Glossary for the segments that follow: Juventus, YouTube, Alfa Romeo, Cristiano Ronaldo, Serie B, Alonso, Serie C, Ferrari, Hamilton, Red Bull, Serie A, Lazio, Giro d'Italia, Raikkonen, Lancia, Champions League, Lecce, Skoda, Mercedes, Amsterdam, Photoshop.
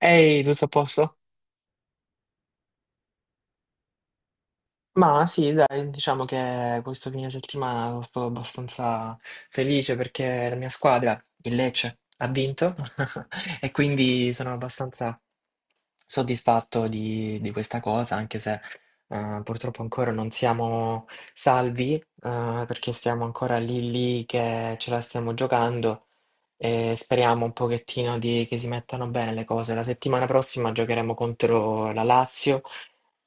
Ehi, tutto a posto? Ma sì, dai, diciamo che questo fine settimana sono stato abbastanza felice perché la mia squadra, il Lecce, ha vinto e quindi sono abbastanza soddisfatto di questa cosa, anche se purtroppo ancora non siamo salvi, perché stiamo ancora lì lì che ce la stiamo giocando. E speriamo un pochettino che si mettano bene le cose. La settimana prossima giocheremo contro la Lazio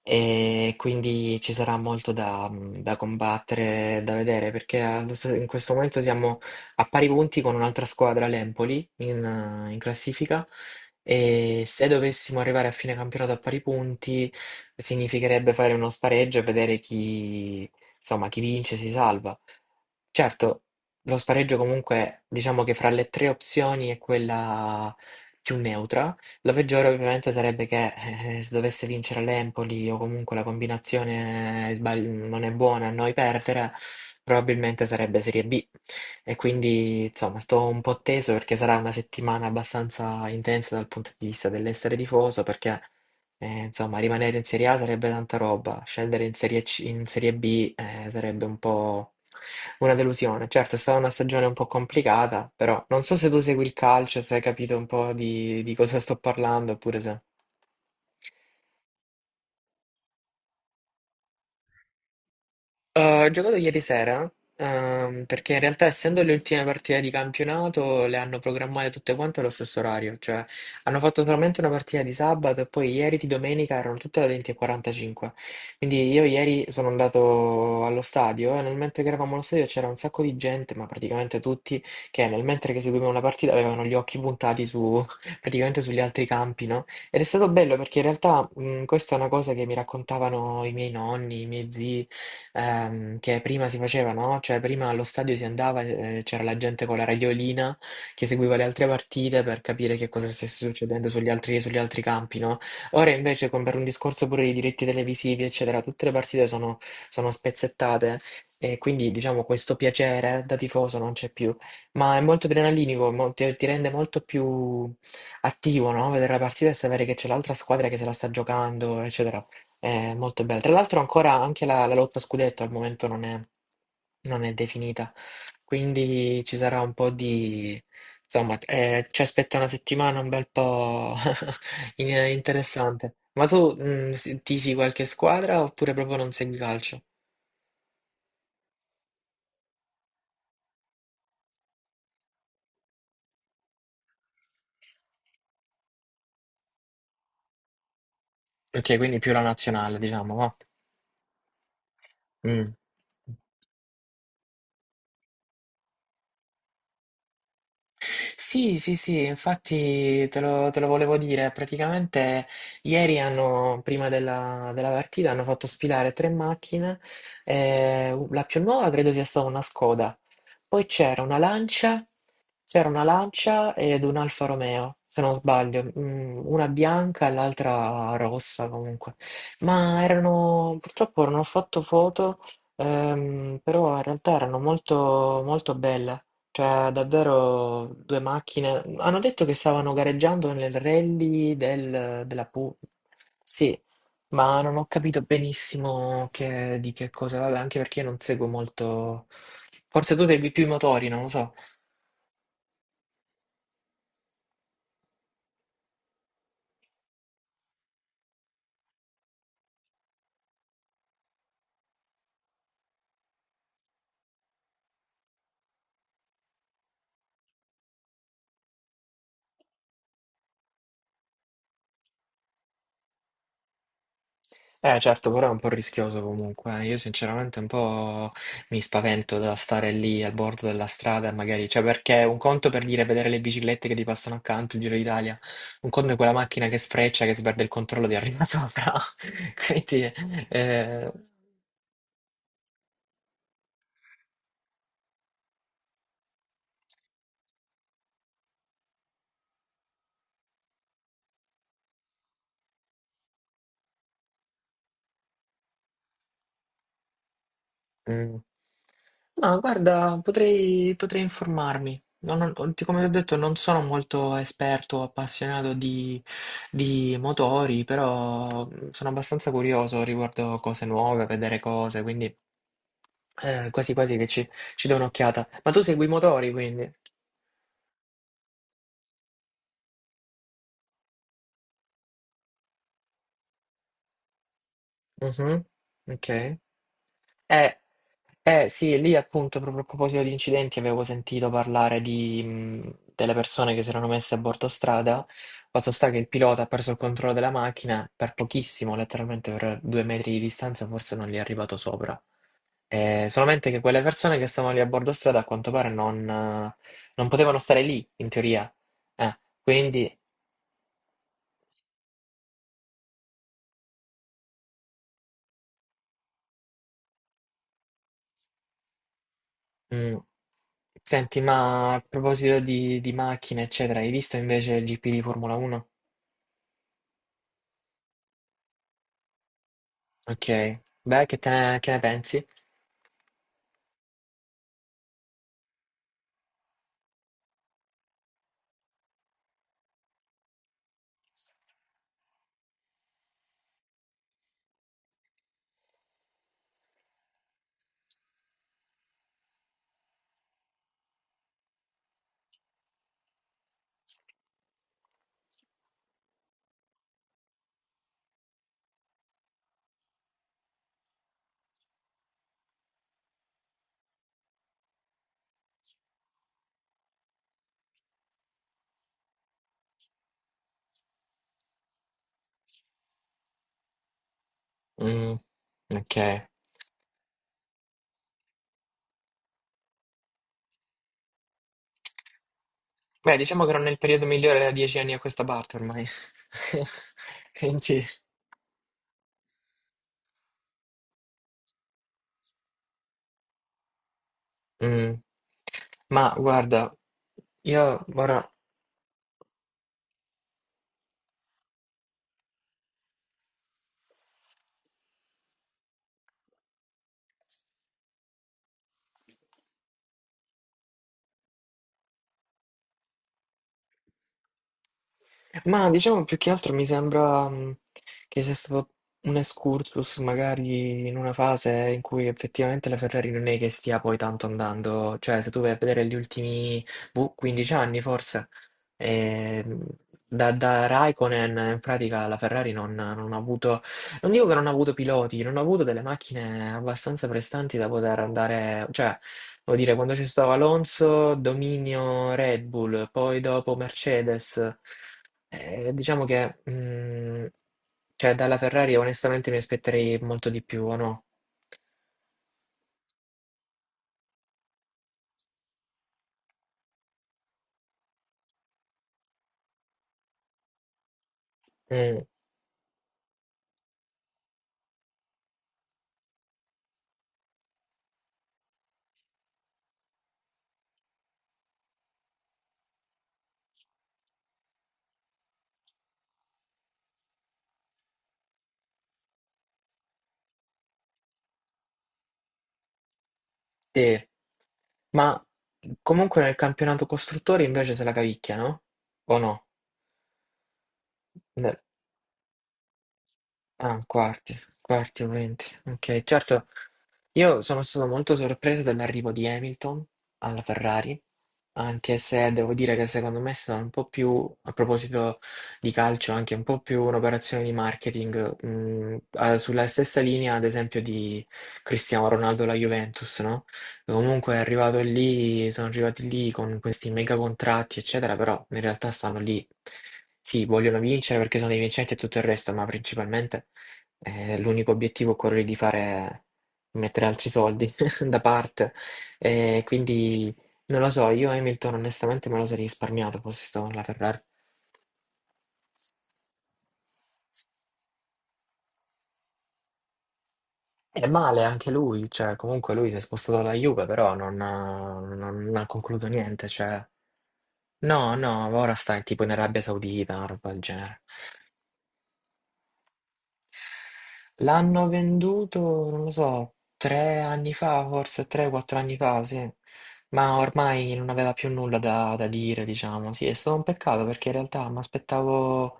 e quindi ci sarà molto da combattere, da vedere, perché in questo momento siamo a pari punti con un'altra squadra, l'Empoli, in classifica. E se dovessimo arrivare a fine campionato a pari punti, significherebbe fare uno spareggio e vedere chi, insomma, chi vince si salva. Certo, lo spareggio comunque, diciamo che fra le tre opzioni è quella più neutra. La peggiore ovviamente sarebbe che se dovesse vincere l'Empoli o comunque la combinazione non è buona a noi perdere, probabilmente sarebbe Serie B. E quindi, insomma, sto un po' teso perché sarà una settimana abbastanza intensa dal punto di vista dell'essere tifoso, perché insomma, rimanere in Serie A sarebbe tanta roba, scendere in Serie B, sarebbe un po' una delusione. Certo, è stata una stagione un po' complicata, però non so se tu segui il calcio, se hai capito un po' di cosa sto parlando, oppure se... ho giocato ieri sera, perché in realtà essendo le ultime partite di campionato le hanno programmate tutte quante allo stesso orario, cioè hanno fatto solamente una partita di sabato e poi ieri di domenica erano tutte alle 20:45. Quindi io ieri sono andato allo stadio e nel mentre che eravamo allo stadio c'era un sacco di gente, ma praticamente tutti, che nel mentre che seguivano la partita avevano gli occhi puntati su, praticamente sugli altri campi, no? Ed è stato bello perché in realtà questa è una cosa che mi raccontavano i miei nonni, i miei zii, che prima si faceva, no? Cioè prima allo stadio si andava, c'era la gente con la radiolina che seguiva le altre partite per capire che cosa stesse succedendo sugli altri campi, no? Ora invece con, per un discorso pure di diritti televisivi, eccetera, tutte le partite sono spezzettate e quindi diciamo questo piacere da tifoso non c'è più, ma è molto adrenalinico, ti rende molto più attivo, no? Vedere la partita e sapere che c'è l'altra squadra che se la sta giocando, eccetera. È molto bella. Tra l'altro ancora anche la lotta a scudetto al momento non è definita, quindi ci sarà un po' di... Insomma, ci aspetta una settimana un bel po' interessante. Ma tu, tifi qualche squadra oppure proprio non segui calcio? Ok, quindi più la nazionale, diciamo, va. Mm. Sì, sì, sì, infatti te lo volevo dire. Praticamente ieri hanno, prima della partita, hanno fatto sfilare tre macchine. Eh, la più nuova credo sia stata una Skoda. Poi c'era una Lancia ed un Alfa Romeo, se non sbaglio, mm, una bianca e l'altra rossa comunque. Ma erano, purtroppo non ho fatto foto, però in realtà erano molto, molto belle. Cioè, davvero due macchine. Hanno detto che stavano gareggiando nel rally della Pu. Sì, ma non ho capito benissimo di che cosa. Vabbè, anche perché io non seguo molto. Forse tu segui più i motori, non lo so. Eh certo, però è un po' rischioso comunque. Io sinceramente un po' mi spavento da stare lì al bordo della strada, magari, cioè perché un conto per dire vedere le biciclette che ti passano accanto, il Giro d'Italia, un conto è quella macchina che sfreccia, che si perde il controllo di arriva sopra. Quindi, eh, mm. Ma guarda, potrei, potrei informarmi. Come ti ho detto, non sono molto esperto o appassionato di motori, però sono abbastanza curioso riguardo cose nuove, vedere cose, quindi quasi quasi che ci do un'occhiata. Ma tu segui i motori, quindi? Mhm. Ok. Eh, eh, sì, lì appunto proprio a proposito di incidenti avevo sentito parlare di, delle persone che si erano messe a bordo strada. Fatto sta che il pilota ha perso il controllo della macchina per pochissimo, letteralmente per due metri di distanza, forse non gli è arrivato sopra. Solamente che quelle persone che stavano lì a bordo strada a quanto pare non potevano stare lì, in teoria. Quindi, mh, senti, ma a proposito di macchine, eccetera, hai visto invece il GP di Formula 1? Ok, beh, che ne pensi? Mm, ok. Beh, diciamo che non è il periodo migliore da dieci anni a questa parte ormai. Quindi, mm. Ma guarda, io ora... Ma diciamo più che altro mi sembra, che sia stato un excursus magari in una fase in cui effettivamente la Ferrari non è che stia poi tanto andando, cioè se tu vai a vedere gli ultimi, boh, 15 anni forse, ehm, da Raikkonen in pratica la Ferrari non ha avuto, non dico che non ha avuto piloti, non ha avuto delle macchine abbastanza prestanti da poter andare, cioè... Vuol dire, quando c'è stato Alonso, dominio Red Bull, poi dopo Mercedes. Diciamo che, cioè, dalla Ferrari onestamente mi aspetterei molto di più, o no? Mm, sì. Ma comunque nel campionato costruttori invece se la cavicchia, no? O no? Ne- Ah, quarti, quarti o venti. Ok, certo. Io sono stato molto sorpreso dall'arrivo di Hamilton alla Ferrari, anche se devo dire che secondo me è stata un po' più, a proposito di calcio, anche un po' più un'operazione di marketing, sulla stessa linea, ad esempio, di Cristiano Ronaldo alla Juventus, no? Comunque è arrivato lì, sono arrivati lì con questi mega contratti, eccetera, però in realtà stanno lì, sì, vogliono vincere perché sono dei vincenti e tutto il resto, ma principalmente, l'unico obiettivo è quello di fare... Mettere altri soldi da parte. Quindi non lo so, io Hamilton onestamente me lo sarei risparmiato fossi stato nella Ferrari. È male anche lui, cioè comunque lui si è spostato alla Juve, però non ha concluso niente, cioè... No, no, ora sta tipo in Arabia Saudita, una roba del genere. L'hanno venduto, non lo so, tre anni fa, forse tre, quattro anni fa, sì. Ma ormai non aveva più nulla da dire, diciamo. Sì, è stato un peccato perché in realtà mi aspettavo,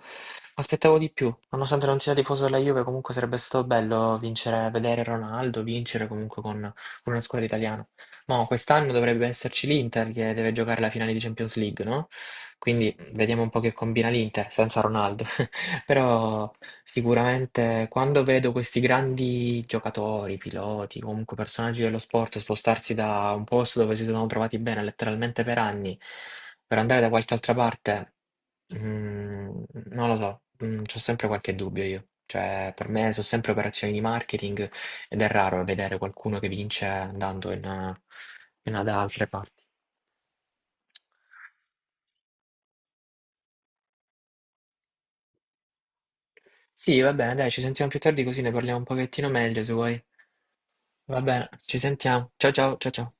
m'aspettavo di più. Nonostante non sia tifoso della Juve, comunque sarebbe stato bello vincere, vedere Ronaldo vincere comunque con una squadra italiana. Ma quest'anno dovrebbe esserci l'Inter che deve giocare la finale di Champions League, no? Quindi vediamo un po' che combina l'Inter senza Ronaldo. Però sicuramente quando vedo questi grandi giocatori, piloti, comunque personaggi dello sport spostarsi da un posto dove si sono trovati bene letteralmente per anni per andare da qualche altra parte, mm, non lo so, c'ho sempre qualche dubbio io. Cioè, per me sono sempre operazioni di marketing ed è raro vedere qualcuno che vince andando da altre parti. Sì, va bene, dai, ci sentiamo più tardi così ne parliamo un pochettino meglio se vuoi. Va bene, ci sentiamo. Ciao ciao ciao ciao.